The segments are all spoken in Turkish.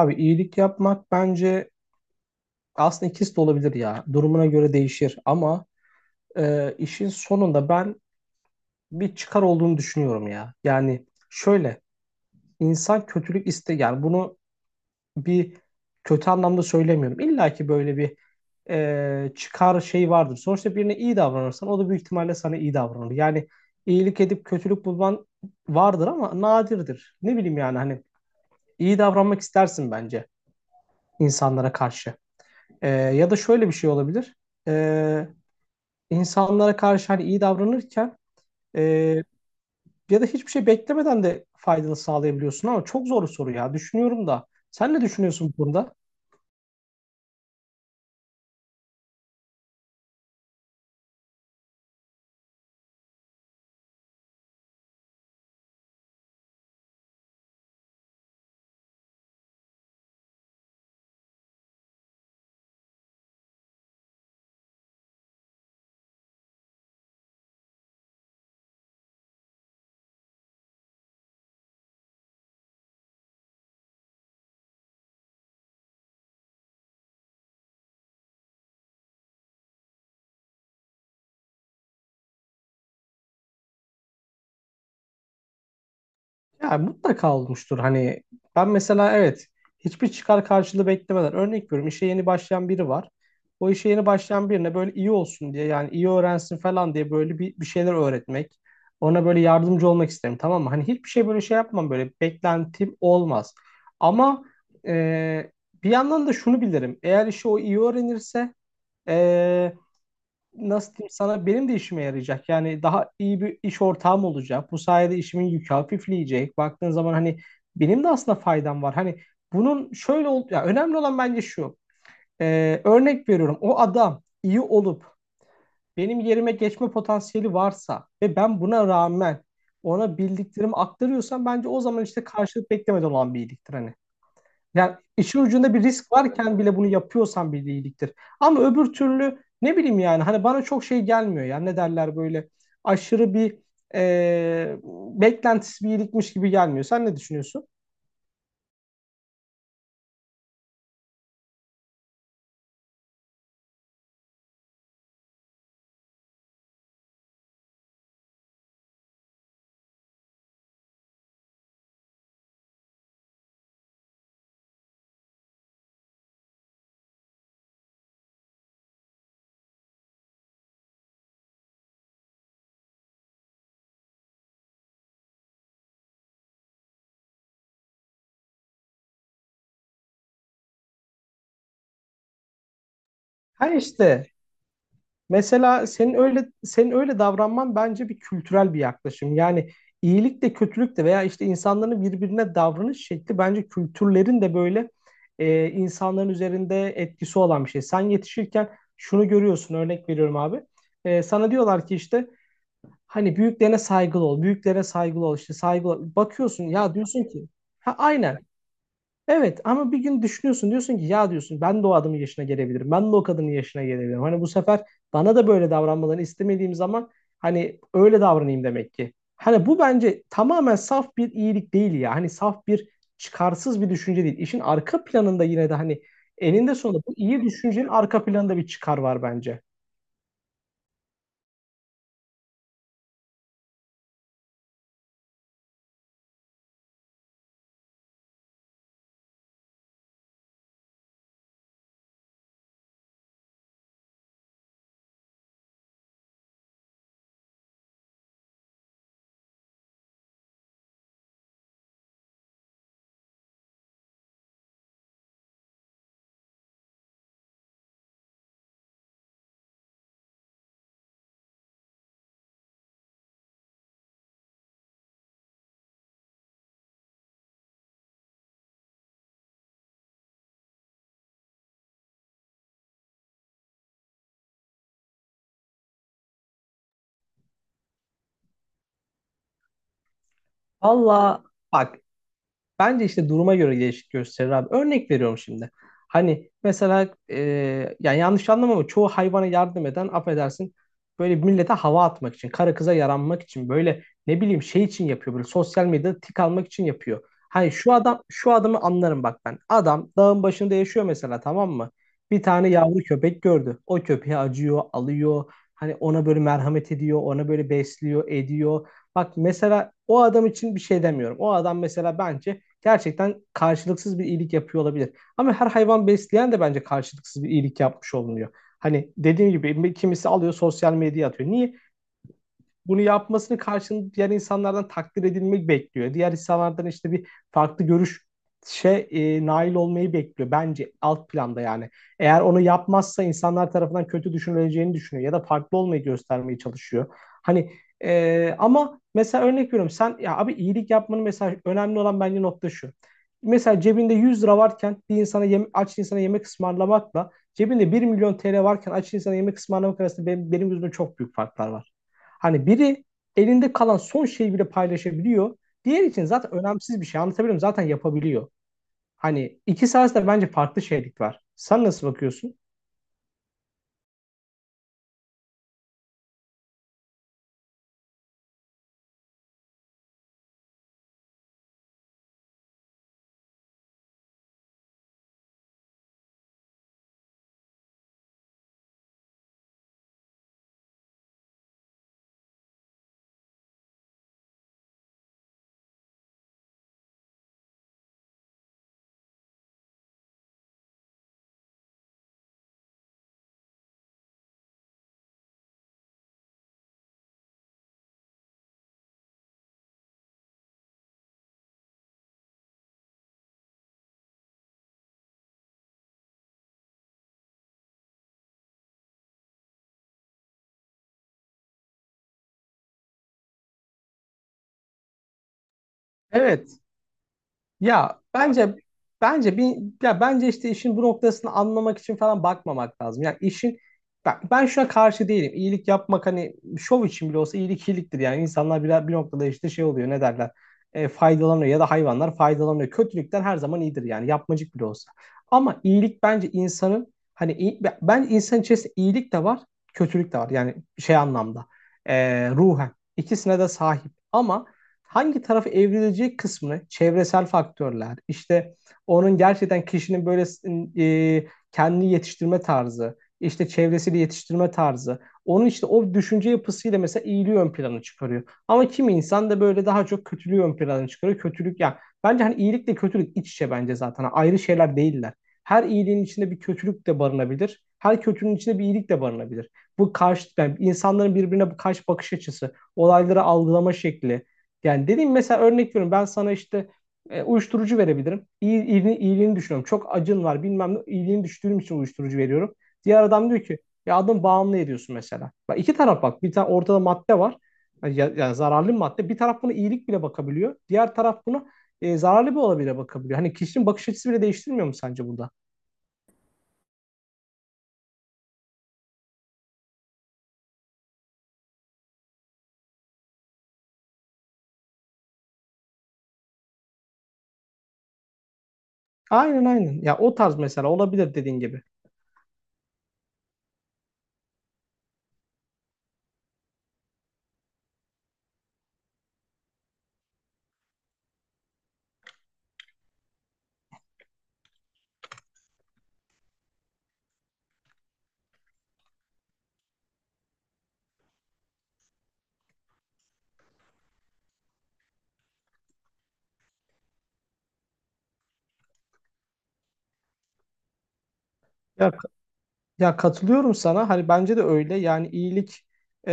Abi iyilik yapmak bence aslında ikisi de olabilir ya. Durumuna göre değişir ama işin sonunda ben bir çıkar olduğunu düşünüyorum ya. Yani şöyle insan kötülük iste yani bunu bir kötü anlamda söylemiyorum. İlla ki böyle bir çıkar şey vardır. Sonuçta birine iyi davranırsan o da büyük ihtimalle sana iyi davranır. Yani iyilik edip kötülük bulman vardır ama nadirdir. Ne bileyim yani hani iyi davranmak istersin bence insanlara karşı. Ya da şöyle bir şey olabilir. E, insanlara karşı hani iyi davranırken e, ya da hiçbir şey beklemeden de faydalı sağlayabiliyorsun ama çok zor bir soru ya. Düşünüyorum da. Sen ne düşünüyorsun bunda? Ya mutlaka olmuştur. Hani ben mesela evet, hiçbir çıkar karşılığı beklemeden örnek veriyorum, işe yeni başlayan biri var. O işe yeni başlayan birine böyle iyi olsun diye, yani iyi öğrensin falan diye, böyle bir şeyler öğretmek. Ona böyle yardımcı olmak isterim, tamam mı? Hani hiçbir şey böyle şey yapmam, böyle beklentim olmaz. Ama e, bir yandan da şunu bilirim. Eğer işi o iyi öğrenirse e, nasıl diyeyim sana, benim de işime yarayacak. Yani daha iyi bir iş ortağım olacak. Bu sayede işimin yükü hafifleyecek. Baktığın zaman hani benim de aslında faydam var. Hani bunun şöyle ol ya, önemli olan bence şu. Örnek veriyorum. O adam iyi olup benim yerime geçme potansiyeli varsa ve ben buna rağmen ona bildiklerimi aktarıyorsam, bence o zaman işte karşılık beklemeden olan bir iyiliktir hani. Yani işin ucunda bir risk varken bile bunu yapıyorsan bir iyiliktir. Ama öbür türlü ne bileyim, yani hani bana çok şey gelmiyor ya, ne derler, böyle aşırı bir e, beklentisi bir iyilikmiş gibi gelmiyor. Sen ne düşünüyorsun? Ha işte, mesela senin öyle davranman bence bir kültürel bir yaklaşım. Yani iyilik de kötülük de veya işte insanların birbirine davranış şekli, bence kültürlerin de böyle insanların üzerinde etkisi olan bir şey. Sen yetişirken şunu görüyorsun, örnek veriyorum abi. Sana diyorlar ki işte hani büyüklerine saygılı ol, büyüklere saygılı ol, işte saygılı ol. Bakıyorsun ya, diyorsun ki ha aynen. Evet, ama bir gün düşünüyorsun, diyorsun ki ya, diyorsun ben de o adamın yaşına gelebilirim. Ben de o kadının yaşına gelebilirim. Hani bu sefer bana da böyle davranmalarını istemediğim zaman hani öyle davranayım demek ki. Hani bu bence tamamen saf bir iyilik değil ya. Hani saf bir, çıkarsız bir düşünce değil. İşin arka planında yine de hani eninde sonunda bu iyi düşüncenin arka planında bir çıkar var bence. Valla, bak, bence işte duruma göre değişik gösterir abi. Örnek veriyorum şimdi. Hani mesela, yani yanlış anlama ama çoğu hayvana yardım eden, affedersin, böyle millete hava atmak için, kara kıza yaranmak için, böyle ne bileyim şey için yapıyor, böyle sosyal medyada tik almak için yapıyor. Hani şu adam, şu adamı anlarım bak ben. Adam dağın başında yaşıyor mesela, tamam mı? Bir tane yavru köpek gördü. O köpeğe acıyor, alıyor. Hani ona böyle merhamet ediyor, ona böyle besliyor, ediyor. Bak, mesela o adam için bir şey demiyorum. O adam mesela bence gerçekten karşılıksız bir iyilik yapıyor olabilir. Ama her hayvan besleyen de bence karşılıksız bir iyilik yapmış olunuyor. Hani dediğim gibi kimisi alıyor sosyal medyaya atıyor. Niye? Bunu yapmasını karşılığında diğer insanlardan takdir edilmek bekliyor. Diğer insanlardan işte bir farklı görüş şey, nail olmayı bekliyor bence alt planda yani. Eğer onu yapmazsa insanlar tarafından kötü düşünüleceğini düşünüyor ya da farklı olmayı göstermeye çalışıyor. Hani, ama mesela örnek veriyorum sen, ya abi iyilik yapmanın mesela önemli olan bence nokta şu. Mesela cebinde 100 lira varken bir insana yem, aç insana yemek ısmarlamakla cebinde 1.000.000 TL varken aç insana yemek ısmarlamak arasında, benim gözümde çok büyük farklar var. Hani biri elinde kalan son şeyi bile paylaşabiliyor. Diğer için zaten önemsiz bir şey. Anlatabilirim, zaten yapabiliyor. Hani iki arasında bence farklı şeylik var. Sen nasıl bakıyorsun? Evet. Ya bence, bence bir ya bence işte işin bu noktasını anlamak için falan bakmamak lazım. Yani işin ben şuna karşı değilim. İyilik yapmak, hani şov için bile olsa, iyilik iyiliktir. Yani insanlar bir noktada işte şey oluyor, ne derler, faydalanıyor ya da hayvanlar faydalanıyor. Kötülükten her zaman iyidir yani, yapmacık bile olsa. Ama iyilik bence insanın, ben insan içerisinde iyilik de var, kötülük de var, yani şey anlamda, ruhen ikisine de sahip. Ama hangi tarafı evrilecek kısmını çevresel faktörler, işte onun, gerçekten kişinin böyle e, kendini yetiştirme tarzı, işte çevresiyle yetiştirme tarzı, onun işte o düşünce yapısıyla mesela iyiliği ön plana çıkarıyor. Ama kimi insan da böyle daha çok kötülüğü ön plana çıkarıyor. Kötülük ya yani, bence hani iyilikle kötülük iç içe bence zaten. Hani ayrı şeyler değiller. Her iyiliğin içinde bir kötülük de barınabilir. Her kötülüğün içinde bir iyilik de barınabilir. Bu karşı yani, insanların birbirine bu karşı bakış açısı, olayları algılama şekli, yani dediğim mesela örnek veriyorum, ben sana işte uyuşturucu verebilirim. İyi, iyiliğini, iyiliğini düşünüyorum. Çok acın var bilmem ne, iyiliğini düşündüğüm için uyuşturucu veriyorum. Diğer adam diyor ki ya adam bağımlı ediyorsun mesela. Bak iki taraf, bak bir tane ortada madde var. Yani zararlı bir madde. Bir taraf buna iyilik bile bakabiliyor. Diğer taraf buna zararlı bir olabilir bakabiliyor. Hani kişinin bakış açısı bile değiştirmiyor mu sence burada? Aynen, aynen. Ya o tarz mesela olabilir dediğin gibi. Ya, ya katılıyorum sana. Hani bence de öyle. Yani iyilik, e,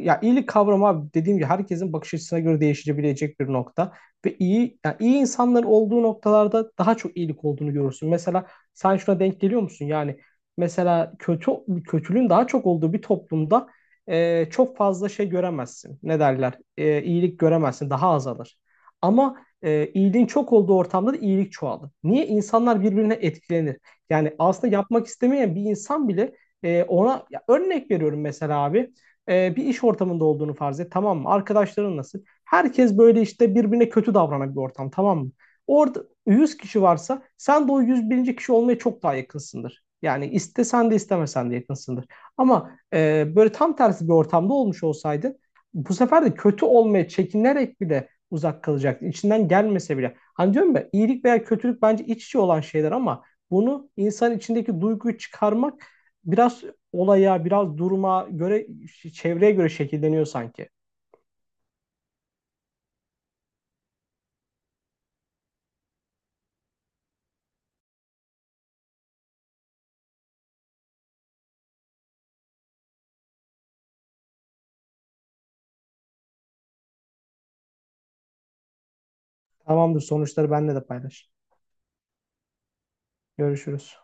ya iyilik kavramı abi, dediğim gibi herkesin bakış açısına göre değişebilecek bir nokta. Ve iyi, yani iyi insanların olduğu noktalarda daha çok iyilik olduğunu görürsün. Mesela sen şuna denk geliyor musun? Yani mesela kötülüğün daha çok olduğu bir toplumda çok fazla şey göremezsin. Ne derler? İyilik göremezsin. Daha azalır. Ama iyiliğin çok olduğu ortamda da iyilik çoğalır. Niye? İnsanlar birbirine etkilenir. Yani aslında yapmak istemeyen bir insan bile ona, ya örnek veriyorum mesela abi. Bir iş ortamında olduğunu farz et, tamam mı? Arkadaşların nasıl? Herkes böyle işte birbirine kötü davranan bir ortam, tamam mı? Orada 100 kişi varsa sen de o 101. kişi olmaya çok daha yakınsındır. Yani istesen de istemesen de yakınsındır. Ama böyle tam tersi bir ortamda olmuş olsaydın, bu sefer de kötü olmaya çekinerek bile uzak kalacaktın, İçinden gelmese bile. Hani diyorum ya, iyilik veya kötülük bence iç içe olan şeyler ama bunu insan içindeki duyguyu çıkarmak biraz olaya, biraz duruma göre, çevreye göre şekilleniyor sanki. Tamamdır, sonuçları benimle de paylaş. Görüşürüz.